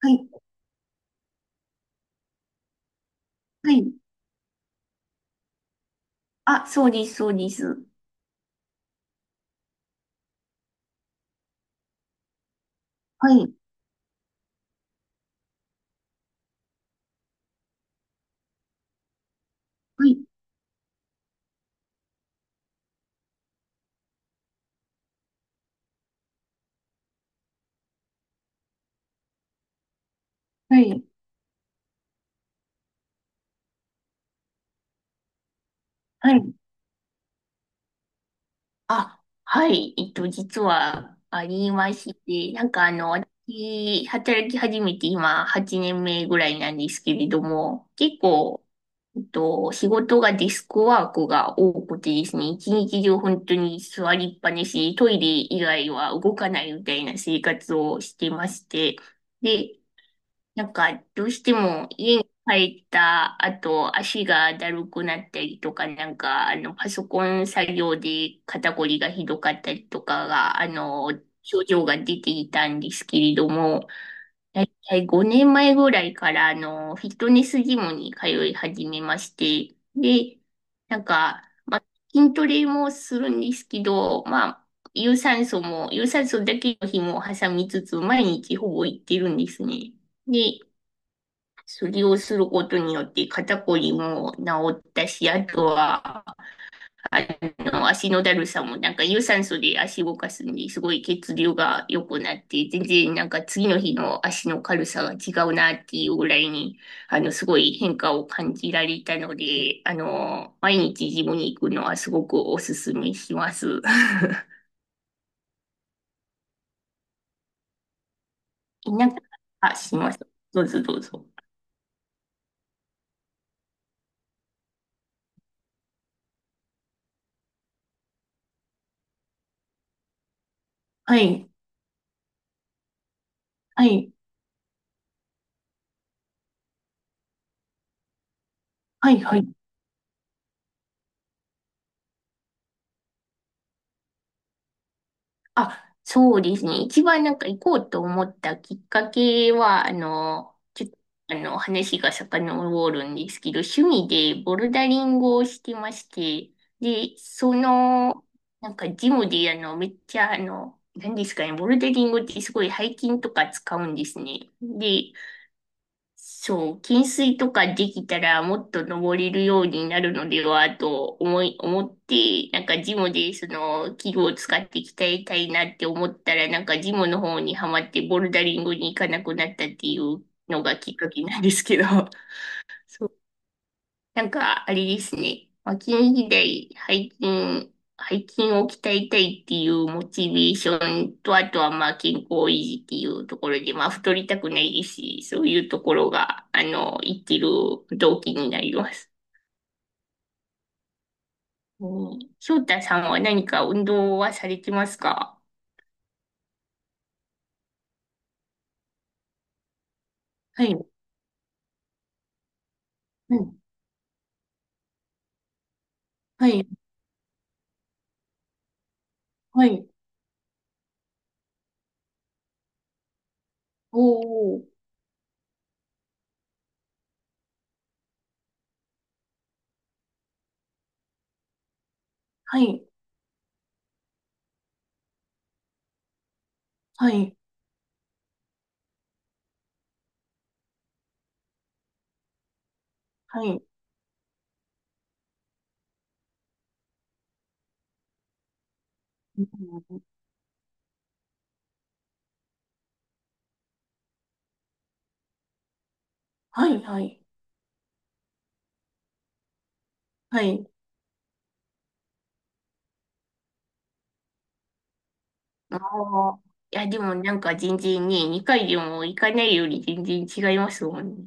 はい。はい。あ、そうです、そうです。はい。はい。はい。はい。あ、はい。実はありまして、私、働き始めて今8年目ぐらいなんですけれども、結構、仕事がデスクワークが多くてですね、一日中本当に座りっぱなし、トイレ以外は動かないみたいな生活をしてまして、で、どうしても家に帰った後、足がだるくなったりとか、パソコン作業で肩こりがひどかったりとかが、症状が出ていたんですけれども、だいたい5年前ぐらいから、フィットネスジムに通い始めまして、で、なんか、まあ、筋トレもするんですけど、まあ、有酸素だけの日も挟みつつ、毎日ほぼ行ってるんですね。で、それをすることによって肩こりも治ったし、あとは、あ足のだるさも、なんか有酸素で足動かすんで、すごい血流が良くなって、全然なんか次の日の足の軽さが違うなっていうぐらいに、すごい変化を感じられたので、毎日ジムに行くのはすごくおすすめします。なんか、あ、しますどうぞどうぞ。はい、はい、はい、はい。あ、そうですね。一番なんか行こうと思ったきっかけは、あの、ちょっと、あの、話が遡るんですけど、趣味でボルダリングをしてまして、で、その、なんかジムで、あの、めっちゃ、あの、何ですかね、ボルダリングってすごい背筋とか使うんですね。で、そう、懸垂とかできたらもっと登れるようになるのではと思って、なんかジムでその器具を使って鍛えたいなって思ったら、なんかジムの方にはまってボルダリングに行かなくなったっていうのがきっかけなんですけど、そうなんか、あれですね。まあ、近時代、背筋を鍛えたいっていうモチベーションと、あとはまあ健康維持っていうところで、まあ太りたくないですし、そういうところが、生きる動機になります。うん、翔太さんは何か運動はされてますか？はい。うん。はい。はい。おー。はい。はい。はい。うんはい。はい。はい。ああ。いや、でもなんか全然ね、2回でも行かないより全然違いますもんね。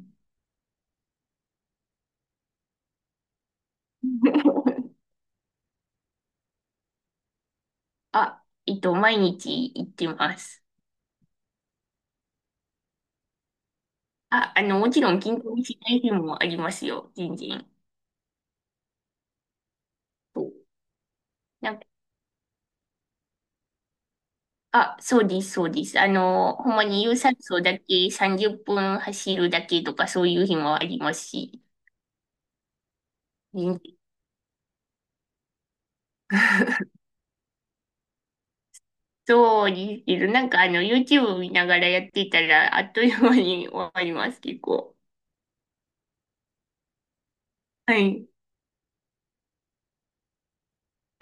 あ、えっと、毎日行ってます。あ、もちろん筋トレしない日もありますよ、全然。そうなんか、あ、そうです、そうです。あの、ほんまに有酸素だけ30分走るだけとかそういう日もありますし。全然 そうですけど、YouTube 見ながらやってたら、あっという間に終わります、結構。はい。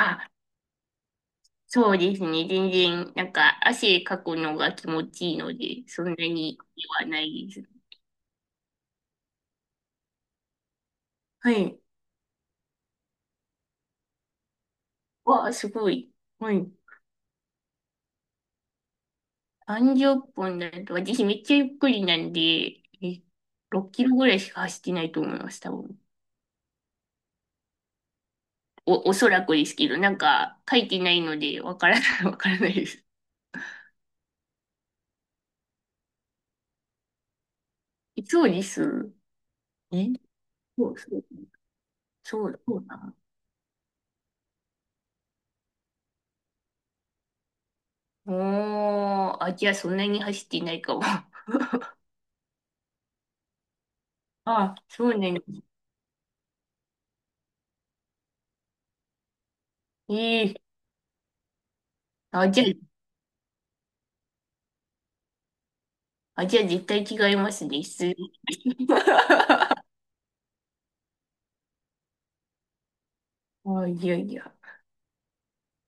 あそうですね。全然、なんか、汗かくのが気持ちいいので、そんなに苦ではないです。はい。わあ、すごい。はい。30分だと、私めっちゃゆっくりなんで、え、6キロぐらいしか走ってないと思います、多分。お、おそらくですけど、なんか、書いてないので、わからない、わからないです。そうです。えそう、そう、そう、そうなの。おー、あ、じゃあそんなに走ってないかも。あ、そうなんです。ええあ、じゃあ絶対違いますね。失礼。あ、いやいや。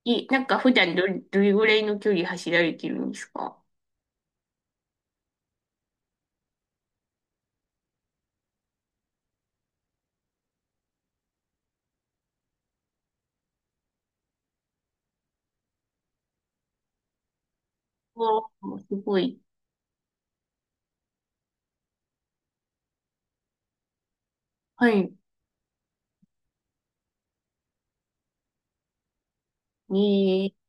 え、なんか普段どれぐらいの距離走られてるんですか？わあ、すごい。はい。ええ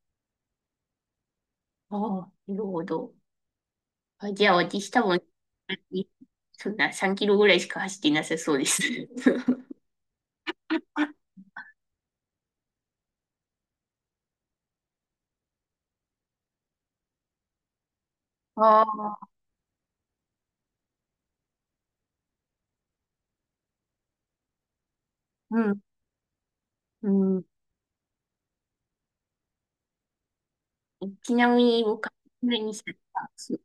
ああ、なるほど。あ、じゃあ私多分、そんな3キロぐらいしか走ってなさそうです。ああ、うん、うん。ちなみに部活何されたす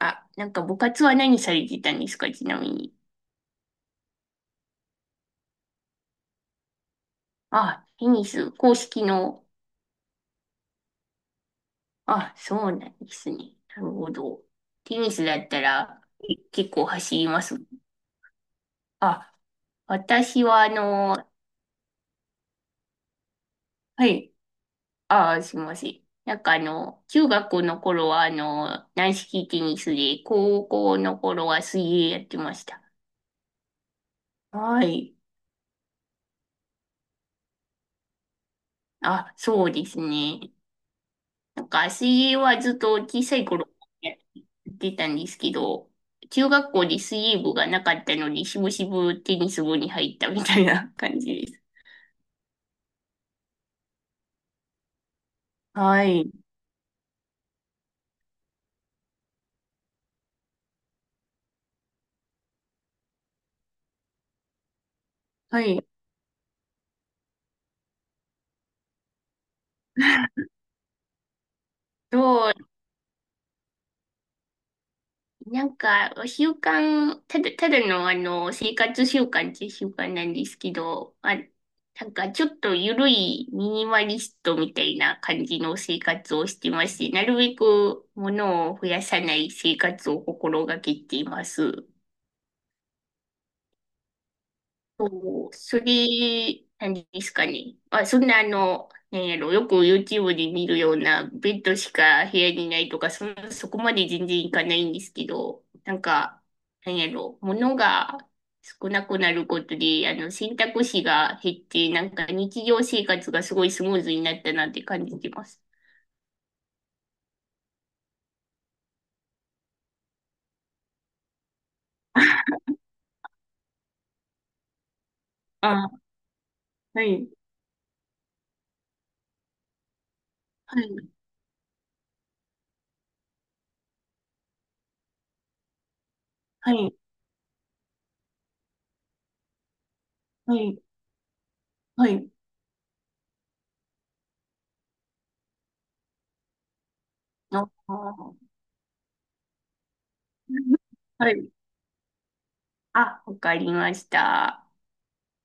あ、なんか部活は何されてたんですかちなみに。あ、テニス、公式の？あ、そうなんですね。なるほど。テニスだったらえ結構走ります。あ、私はあの、はい。あ、すいません。なんかあの、中学の頃はあの、軟式テニスで、高校の頃は水泳やってました。はい。あ、そうですね。なんか水泳はずっと小さい頃やってたんですけど、中学校で水泳部がなかったので、しぶしぶテニス部に入ったみたいな感じです。はい。はい。そう、なんか、習慣、ただ、ただのあの、生活習慣っていう習慣なんですけど、あ、なんかちょっと緩いミニマリストみたいな感じの生活をしてまして、なるべく物を増やさない生活を心がけています。何ですかね。あ、そんなあの、なんやろ、よく YouTube で見るようなベッドしか部屋にないとか、そこまで全然いかないんですけど、なんか、なんやろ、物が少なくなることで、選択肢が減って、なんか日常生活がすごいスムーズになったなって感じてます。あ、はい、はい、はい、はい、はい。あー はい。あ、わかりました。